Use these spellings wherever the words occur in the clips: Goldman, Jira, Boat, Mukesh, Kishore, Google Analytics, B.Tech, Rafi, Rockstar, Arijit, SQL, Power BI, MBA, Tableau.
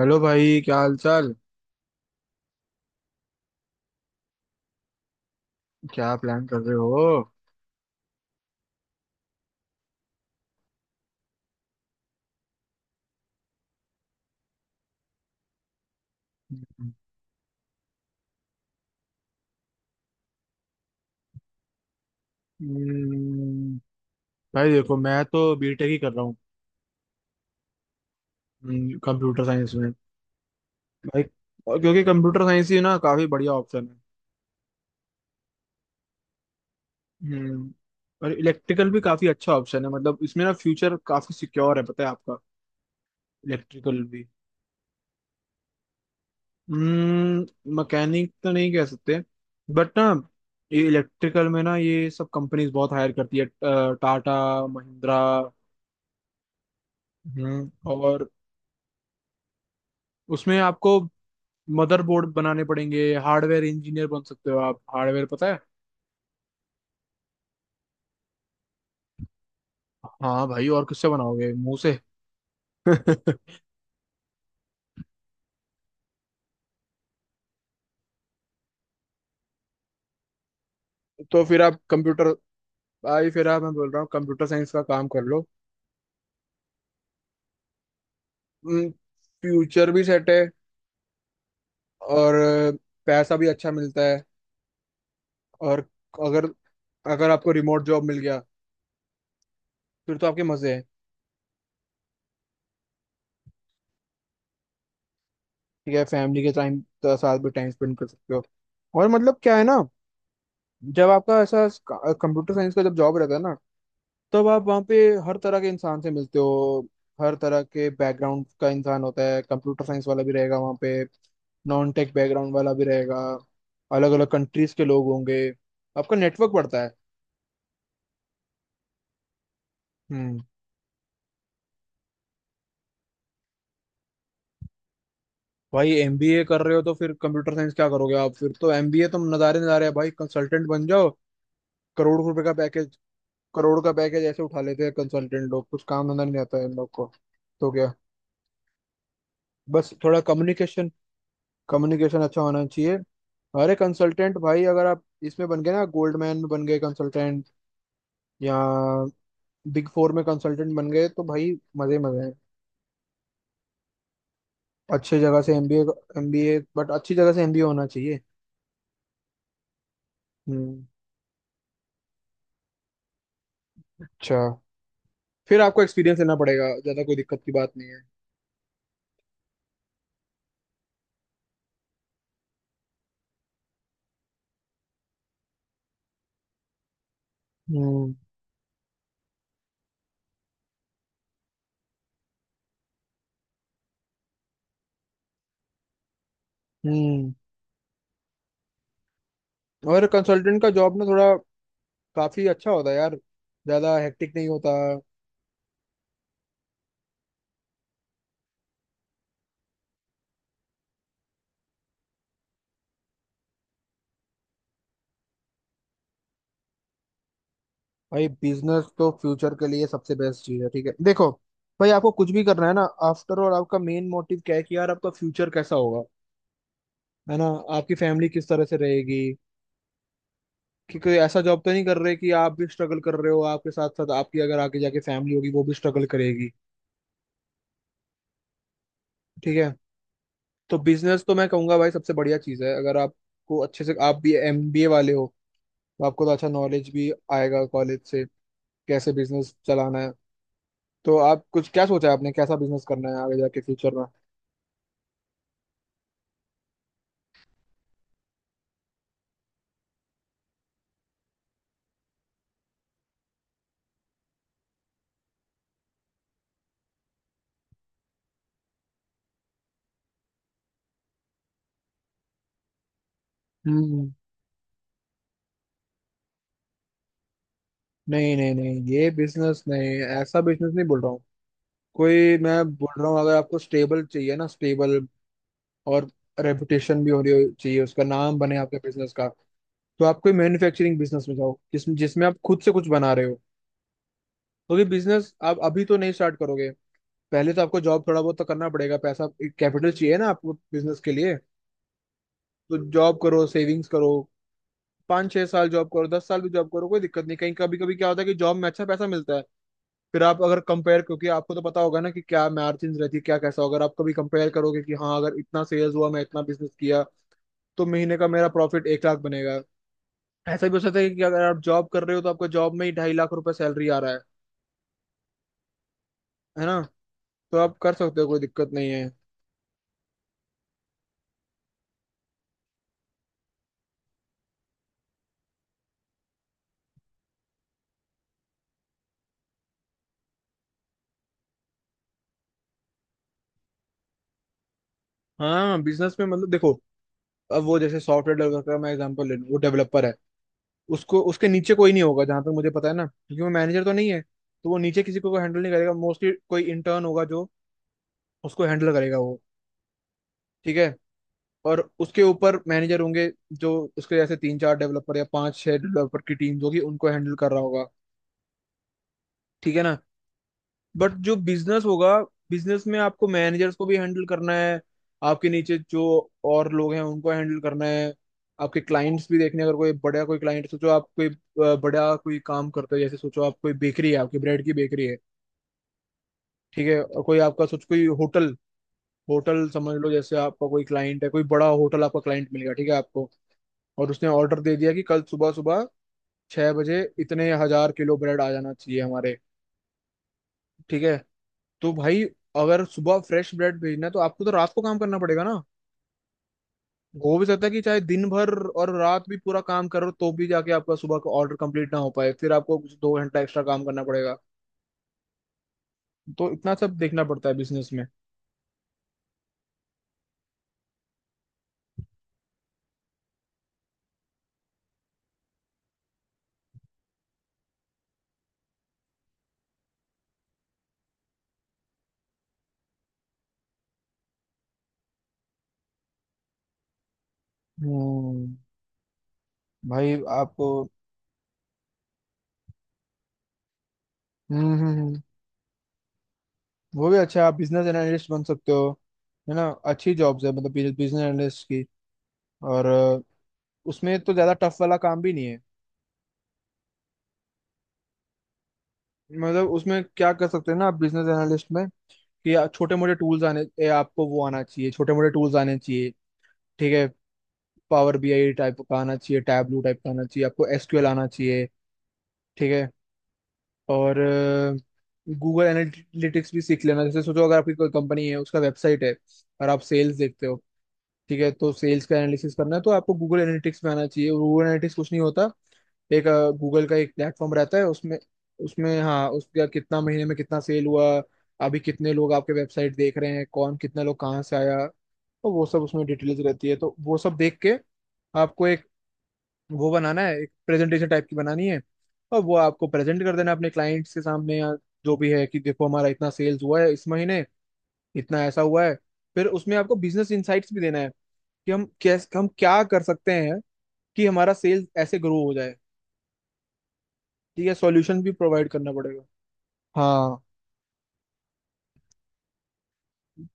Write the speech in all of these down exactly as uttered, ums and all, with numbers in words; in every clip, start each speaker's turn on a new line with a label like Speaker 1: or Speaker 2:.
Speaker 1: Hello भाई, क्या हाल चाल। क्या प्लान कर रहे हो? हम्म। भाई देखो मैं तो बीटेक ही कर रहा हूँ कंप्यूटर साइंस में। भाई, और क्योंकि कंप्यूटर साइंस ही ना काफी बढ़िया ऑप्शन है। हम्म। और इलेक्ट्रिकल भी काफी अच्छा ऑप्शन है, मतलब इसमें ना फ्यूचर काफी सिक्योर है, पता है आपका। इलेक्ट्रिकल भी। हम्म, मैकेनिक तो नहीं कह सकते। बट ना, ये इलेक्ट्रिकल में ना, ये सब कंपनीज बहुत हायर करती है अ, टाटा, महिंद्रा। हम्म। और उसमें आपको मदरबोर्ड बनाने पड़ेंगे, हार्डवेयर इंजीनियर बन सकते हो आप। हार्डवेयर पता है? हाँ भाई, और किससे बनाओगे, मुंह से? तो फिर आप कंप्यूटर। भाई, फिर आप, मैं बोल रहा हूँ कंप्यूटर साइंस का काम कर लो। फ्यूचर भी सेट है। और पैसा भी अच्छा मिलता है। और अगर अगर आपको रिमोट जॉब मिल गया, फिर तो आपके मजे हैं। ठीक है, फैमिली के टाइम साथ भी टाइम स्पेंड कर सकते हो। और मतलब, क्या है ना, जब आपका ऐसा कंप्यूटर साइंस का जब जॉब रहता है ना, तब आप वहाँ पे हर तरह के इंसान से मिलते हो। हर तरह के बैकग्राउंड का इंसान होता है, कंप्यूटर साइंस वाला भी रहेगा वहाँ पे, नॉन टेक बैकग्राउंड वाला भी रहेगा, अलग अलग कंट्रीज के लोग होंगे। आपका नेटवर्क बढ़ता है। हम्म। भाई, एमबीए कर रहे हो तो फिर कंप्यूटर साइंस क्या करोगे आप? फिर तो एमबीए तो नज़ारे नज़ारे है भाई, कंसल्टेंट बन जाओ। करोड़ रुपए का पैकेज। करोड़ का पैकेज ऐसे उठा लेते हैं कंसल्टेंट लोग, कुछ काम धंधा नहीं आता है इन लोग को। तो क्या, बस थोड़ा कम्युनिकेशन, कम्युनिकेशन अच्छा होना चाहिए। अरे कंसल्टेंट भाई, अगर आप इसमें बन गए ना, गोल्डमैन में बन गए कंसल्टेंट, या बिग फोर में कंसल्टेंट बन गए, तो भाई मजे मजे हैं। अच्छी जगह से एमबीए। एमबीए, बट अच्छी जगह से एमबीए होना चाहिए। हम्म। अच्छा। फिर आपको एक्सपीरियंस लेना पड़ेगा, ज्यादा कोई दिक्कत की बात नहीं है। हम्म। हम्म। और कंसल्टेंट का जॉब ना थोड़ा काफी अच्छा होता है यार, ज्यादा हेक्टिक नहीं होता। भाई, बिजनेस तो फ्यूचर के लिए सबसे बेस्ट चीज है। ठीक है, देखो भाई, आपको कुछ भी करना है ना, आफ्टर और आपका मेन मोटिव क्या है कि यार आपका फ्यूचर कैसा होगा, है ना, आपकी फैमिली किस तरह से रहेगी, कि कोई ऐसा जॉब तो नहीं कर रहे कि आप भी स्ट्रगल कर रहे हो, आपके साथ साथ आपकी अगर आगे जाके फैमिली होगी, वो भी स्ट्रगल करेगी। ठीक है। तो बिजनेस तो मैं कहूंगा भाई सबसे बढ़िया चीज है, अगर आपको अच्छे से, आप भी एमबीए वाले हो, तो आपको तो अच्छा नॉलेज भी आएगा कॉलेज से, कैसे बिजनेस चलाना है। तो आप कुछ, क्या सोचा है आपने, कैसा बिजनेस करना है आगे जाके फ्यूचर में? नहीं नहीं नहीं, ये बिजनेस नहीं, ऐसा बिजनेस नहीं बोल रहा हूँ। कोई, मैं बोल रहा हूँ अगर आपको स्टेबल चाहिए ना, स्टेबल, और रेपुटेशन भी हो रही हो चाहिए, उसका नाम बने आपके बिजनेस का। तो आप कोई मैन्युफैक्चरिंग बिजनेस में जाओ जिसमें जिसमें आप खुद से कुछ बना रहे हो। क्योंकि बिजनेस आप अभी तो नहीं स्टार्ट करोगे, पहले तो आपको जॉब थोड़ा बहुत तो करना पड़ेगा, पैसा कैपिटल चाहिए ना आपको बिजनेस के लिए। तो जॉब करो, सेविंग्स करो। पाँच छह साल जॉब करो, दस साल भी जॉब करो, कोई दिक्कत नहीं, कहीं कभी कभी क्या होता है कि जॉब में अच्छा पैसा मिलता है। फिर आप अगर कंपेयर, क्योंकि आपको तो पता होगा ना कि क्या मार्जिन रहती है, क्या कैसा होगा। अगर आप कभी कंपेयर करोगे कि हाँ, अगर इतना सेल्स हुआ, मैं इतना बिजनेस किया, तो महीने का मेरा प्रॉफिट एक लाख बनेगा। ऐसा भी हो सकता है कि अगर आप जॉब कर रहे हो तो आपको जॉब में ही ढाई लाख रुपए सैलरी आ रहा है है ना। तो आप कर सकते हो, कोई दिक्कत नहीं है। हाँ, बिजनेस में मतलब देखो, अब वो जैसे सॉफ्टवेयर डेवलपर का मैं एग्जांपल ले लूँ, वो डेवलपर है। उसको, उसके नीचे कोई नहीं होगा, जहां तक मुझे पता है ना, क्योंकि वो मैनेजर तो नहीं है, तो वो नीचे किसी को हैंडल नहीं करेगा, मोस्टली कोई इंटर्न होगा जो उसको हैंडल करेगा वो। ठीक है। और उसके ऊपर मैनेजर होंगे, जो उसके जैसे तीन चार डेवलपर या पांच छह डेवलपर की टीम होगी, उनको हैंडल कर रहा होगा। ठीक है ना। बट जो बिजनेस होगा, बिजनेस में आपको मैनेजर्स को भी हैंडल करना है, आपके नीचे जो और लोग हैं उनको हैंडल करना है। आपके क्लाइंट्स भी देखने हैं, अगर कोई बड़ा कोई क्लाइंट, सोचो आप कोई अ, बड़ा कोई काम करते हो, जैसे सोचो आप कोई बेकरी है, आपकी ब्रेड की बेकरी है, ठीक है, और कोई आपका सोचो कोई होटल, होटल समझ लो, जैसे आपका कोई क्लाइंट है, कोई बड़ा होटल आपका क्लाइंट मिल गया, ठीक है आपको, और उसने ऑर्डर दे दिया कि कल सुबह सुबह छह बजे इतने हजार किलो ब्रेड आ जाना चाहिए हमारे। ठीक है, तो भाई अगर सुबह फ्रेश ब्रेड भेजना है तो आपको तो रात को काम करना पड़ेगा ना। हो भी सकता है कि चाहे दिन भर और रात भी पूरा काम करो, तो भी जाके आपका सुबह का ऑर्डर कंप्लीट ना हो पाए, फिर आपको कुछ दो घंटा एक्स्ट्रा काम करना पड़ेगा। तो इतना सब देखना पड़ता है बिजनेस में। हम्म, भाई आपको। हम्म, हम्म, हम्म। वो भी अच्छा, आप बिजनेस एनालिस्ट बन सकते हो, है ना, अच्छी जॉब्स है मतलब बिजनेस एनालिस्ट की। और अ, उसमें तो ज्यादा टफ वाला काम भी नहीं है। मतलब उसमें क्या कर सकते हैं ना आप बिजनेस एनालिस्ट में, कि या- छोटे मोटे टूल्स आने, ए, आपको वो आना चाहिए, छोटे मोटे टूल्स आने चाहिए। ठीक है, पावर बीआई टाइप का आना चाहिए, टैबलू टाइप का आना चाहिए, आपको एसक्यूएल आना चाहिए। ठीक है। और गूगल एनालिटिक्स भी सीख लेना, जैसे सोचो अगर आपकी कोई कंपनी है, उसका वेबसाइट है और आप सेल्स देखते हो, ठीक है, तो सेल्स का एनालिसिस करना है तो आपको गूगल एनालिटिक्स में आना चाहिए। गूगल एनालिटिक्स कुछ नहीं होता, एक गूगल का एक प्लेटफॉर्म रहता है उसमें, उसमें हाँ उसका कितना महीने में कितना सेल हुआ, अभी कितने लोग आपके वेबसाइट देख रहे हैं, कौन कितना लोग कहाँ से आया, तो वो सब उसमें डिटेल्स रहती है, तो वो सब देख के आपको एक वो बनाना है, एक प्रेजेंटेशन टाइप की बनानी है, और वो आपको प्रेजेंट कर देना है अपने क्लाइंट्स के सामने, या जो भी है, कि देखो हमारा इतना सेल्स हुआ है इस महीने, इतना ऐसा हुआ है। फिर उसमें आपको बिजनेस इंसाइट्स भी देना है, कि हम कैसे, हम क्या कर सकते हैं कि हमारा सेल्स ऐसे ग्रो हो जाए। ठीक है, सॉल्यूशन भी प्रोवाइड करना पड़ेगा। हाँ,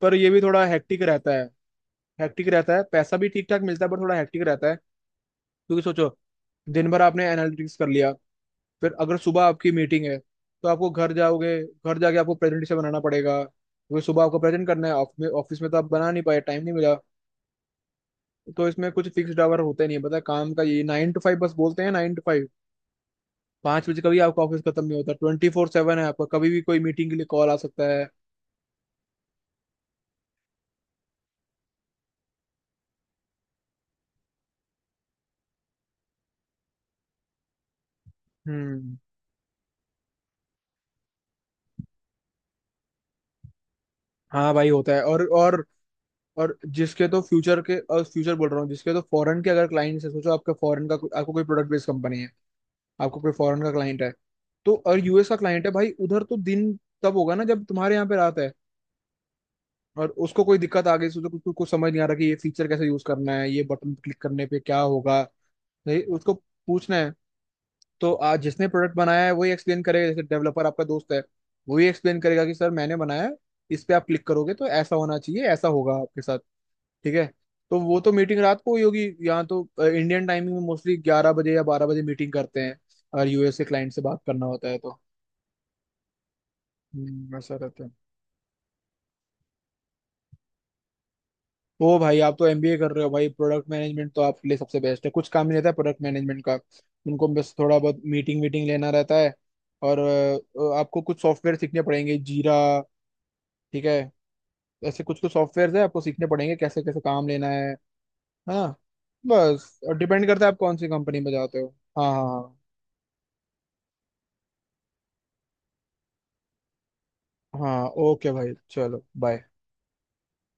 Speaker 1: पर ये भी थोड़ा हेक्टिक रहता है। हेक्टिक रहता है, पैसा भी ठीक ठाक मिलता है, पर थोड़ा हेक्टिक रहता है। क्योंकि सोचो, दिन भर आपने एनालिटिक्स कर लिया, फिर अगर सुबह आपकी मीटिंग है, तो आपको घर जाओगे, घर जाके आपको प्रेजेंटेशन बनाना पड़ेगा क्योंकि सुबह आपको प्रेजेंट करना है ऑफिस में, ऑफिस में तो आप बना नहीं पाए, टाइम नहीं मिला। तो इसमें कुछ फिक्स्ड आवर होते नहीं है, पता है, काम का, ये नाइन टू फाइव बस बोलते हैं, नाइन टू फाइव। पाँच बजे कभी आपका ऑफिस खत्म नहीं होता, ट्वेंटी फोर सेवन है आपका, कभी भी कोई मीटिंग के लिए कॉल आ सकता है। हम्म। हाँ भाई, होता है। और और और जिसके तो फ्यूचर के, और फ्यूचर बोल रहा हूँ, जिसके तो फॉरेन के अगर क्लाइंट्स है, सोचो आपका फॉरेन का आपको कोई प्रोडक्ट बेस्ड कंपनी है, आपको कोई फॉरेन का क्लाइंट है। तो और यूएस का क्लाइंट है भाई, उधर तो दिन तब होगा ना जब तुम्हारे यहाँ पे रात है। और उसको कोई दिक्कत आ गई, सोचो कुछ कुछ कुछ समझ नहीं आ रहा कि ये फीचर कैसे यूज करना है, ये बटन क्लिक करने पे क्या होगा, नहीं उसको पूछना है। तो आज जिसने प्रोडक्ट बनाया है वही एक्सप्लेन करेगा, जैसे डेवलपर आपका दोस्त है, वही एक्सप्लेन करेगा कि सर, मैंने बनाया है, इस पे आप क्लिक करोगे तो ऐसा होना चाहिए, ऐसा होगा आपके साथ। ठीक है, तो वो तो मीटिंग रात को हुई होगी, यहाँ तो इंडियन टाइमिंग में मोस्टली ग्यारह बजे या बारह बजे मीटिंग करते हैं, अगर यूएस के क्लाइंट से बात करना होता है तो। हम्म, वैसा रहता है। ओ भाई, आप तो एमबीए कर रहे हो भाई, प्रोडक्ट मैनेजमेंट तो आपके लिए सबसे बेस्ट है, कुछ काम नहीं रहता है प्रोडक्ट मैनेजमेंट का, उनको बस थोड़ा बहुत मीटिंग वीटिंग लेना रहता है। और अ, आपको कुछ सॉफ्टवेयर सीखने पड़ेंगे, जीरा, ठीक है, ऐसे कुछ कुछ सॉफ्टवेयर है आपको सीखने पड़ेंगे, कैसे कैसे काम लेना है। हाँ, बस डिपेंड करता है आप कौन सी कंपनी में जाते हो। हाँ, हाँ, हाँ। हाँ, ओके भाई, चलो बाय।